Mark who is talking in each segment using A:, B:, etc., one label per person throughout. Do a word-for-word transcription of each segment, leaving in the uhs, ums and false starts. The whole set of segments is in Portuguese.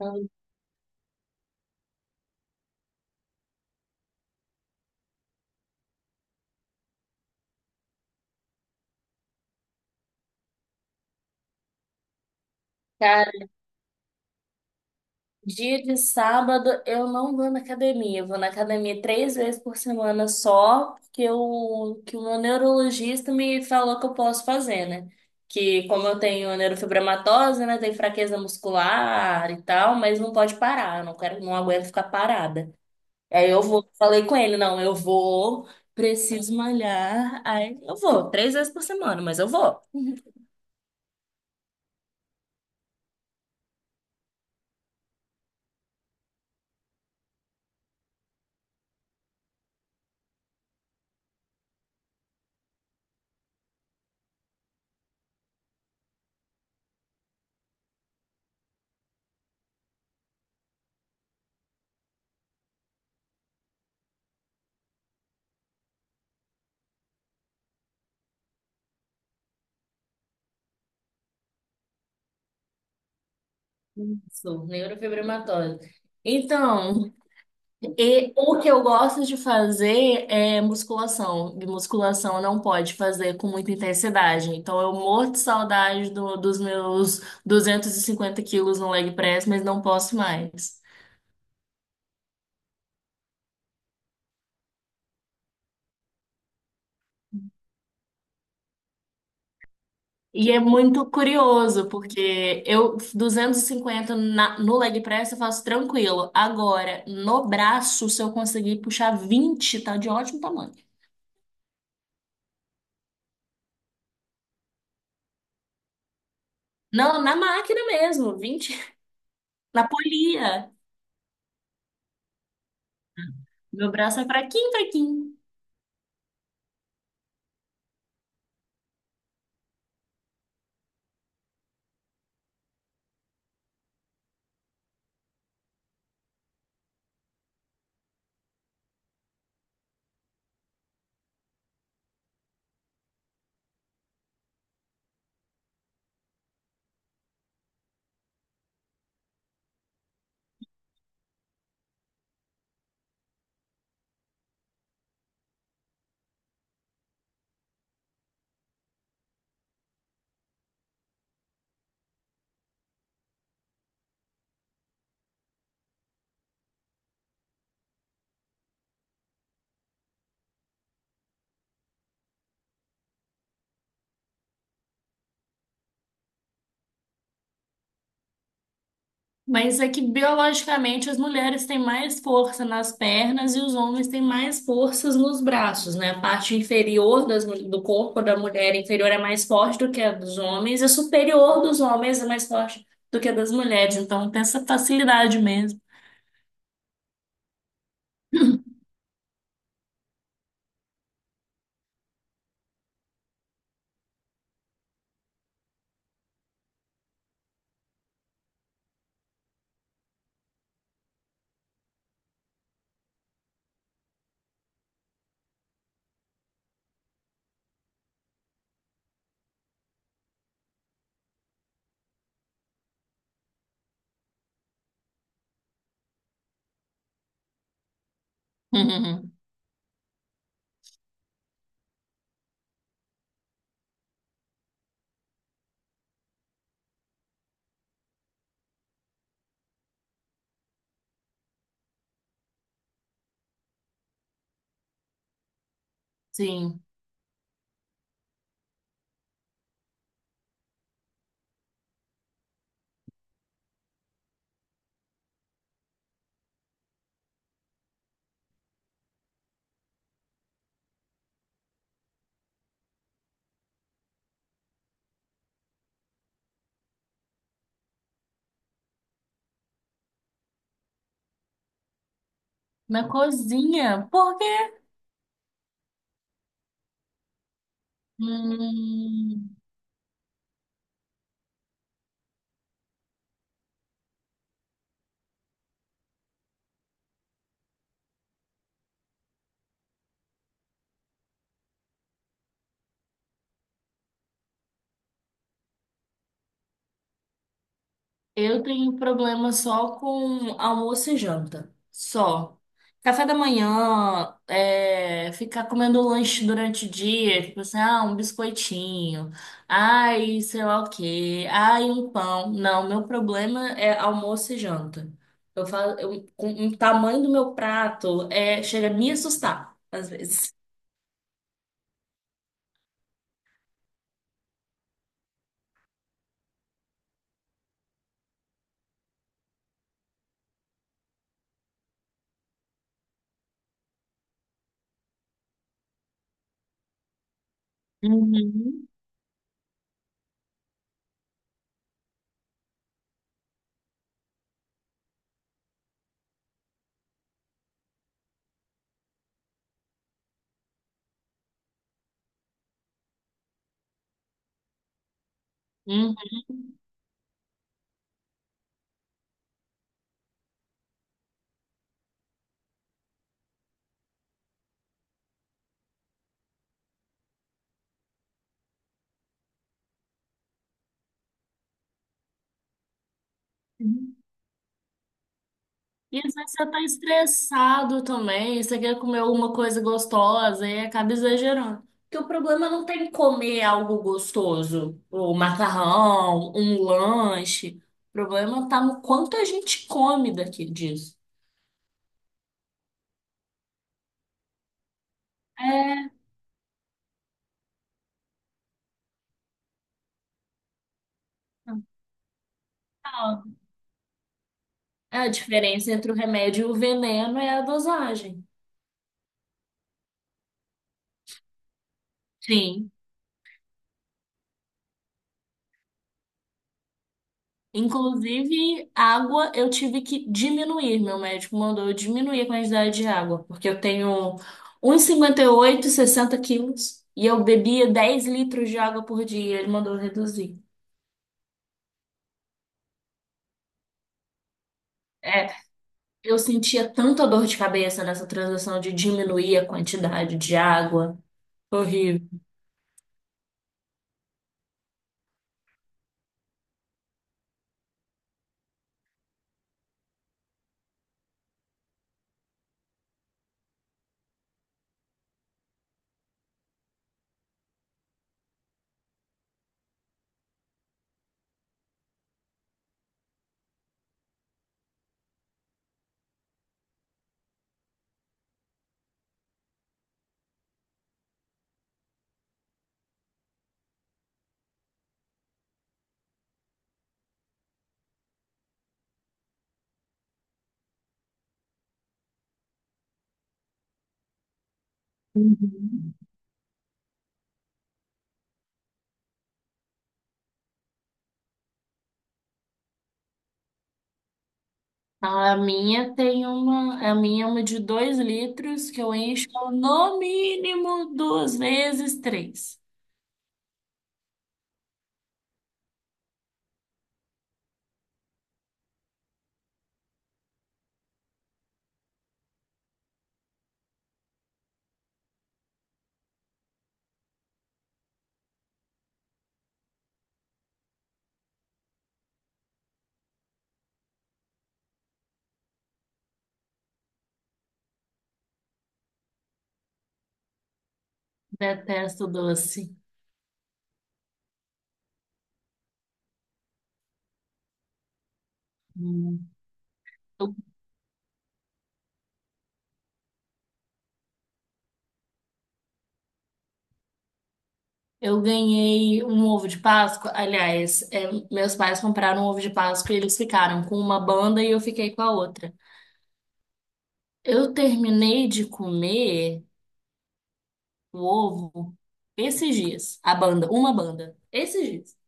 A: Então, cara, dia de sábado eu não vou na academia. Eu vou na academia três vezes por semana só, porque o que o meu neurologista me falou que eu posso fazer, né? Que como eu tenho neurofibromatose, né? Tenho fraqueza muscular e tal, mas não pode parar. Eu não quero, não aguento ficar parada. Aí eu vou, falei com ele, não, eu vou, preciso malhar. Aí eu vou três vezes por semana, mas eu vou. Sou neurofibromatose. Então. E o que eu gosto de fazer é musculação. E musculação não pode fazer com muita intensidade. Então eu morro de saudade do- dos meus duzentos e cinquenta quilos no leg press, mas não posso mais. E é muito curioso, porque eu duzentos e cinquenta na- no leg press eu faço tranquilo. Agora, no braço, se eu conseguir puxar vinte, tá de ótimo tamanho. Não, na máquina mesmo, vinte, na polia. Meu braço é fraquinho, fraquinho. Mas é que biologicamente as mulheres têm mais força nas pernas e os homens têm mais forças nos braços, né? A parte inferior das mul- do corpo da mulher inferior é mais forte do que a dos homens, e a superior dos homens é mais forte do que a das mulheres. Então tem essa facilidade mesmo. Sim. Na cozinha, por quê? Hum. Eu tenho problema só com almoço e janta. Só. Café da manhã, é, ficar comendo lanche durante o dia, tipo assim, ah, um biscoitinho, ai, sei lá o quê, ai, um pão. Não, meu problema é almoço e janta. Eu falo, eu, com o tamanho do meu prato é, chega a me assustar, às vezes. Uhum, uhum. E às vezes você tá estressado também, você quer comer alguma coisa gostosa e acaba exagerando. Porque o problema não tem comer algo gostoso, o macarrão, um lanche. O problema tá no quanto a gente come daqui disso. É, então, a diferença entre o remédio e o veneno é a dosagem. Sim. Inclusive, água eu tive que diminuir. Meu médico mandou eu diminuir a quantidade de água, porque eu tenho um 1,58, sessenta quilos e eu bebia dez litros de água por dia. Ele mandou eu reduzir. É, eu sentia tanta dor de cabeça nessa transação de diminuir a quantidade de água. Horrível. Uhum. A minha tem uma, a minha é uma de dois litros que eu encho no mínimo duas vezes três. Detesto doce. Hum. Eu, eu ganhei um ovo de Páscoa. Aliás, é, meus pais compraram um ovo de Páscoa e eles ficaram com uma banda e eu fiquei com a outra. Eu terminei de comer o ovo esses dias, a banda, uma banda, esses dias.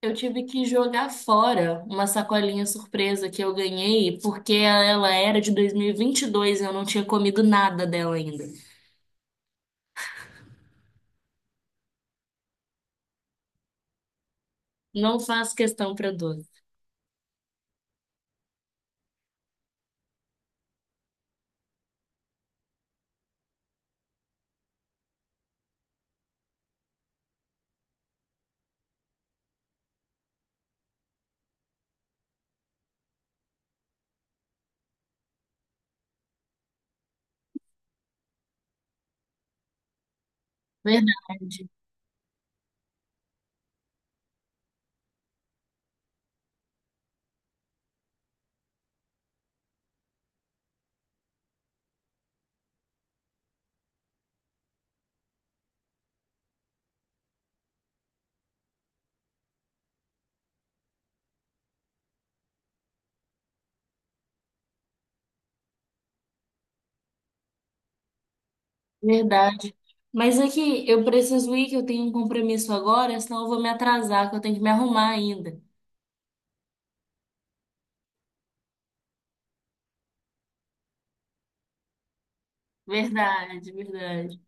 A: Eu tive que jogar fora uma sacolinha surpresa que eu ganhei porque ela era de dois mil e vinte e dois e vinte e dois e eu não tinha comido nada dela ainda. Não faço questão para doce. Verdade. Verdade. Mas é que eu preciso ir, que eu tenho um compromisso agora, senão eu vou me atrasar, que eu tenho que me arrumar ainda. Verdade, verdade.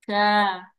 A: Tchau.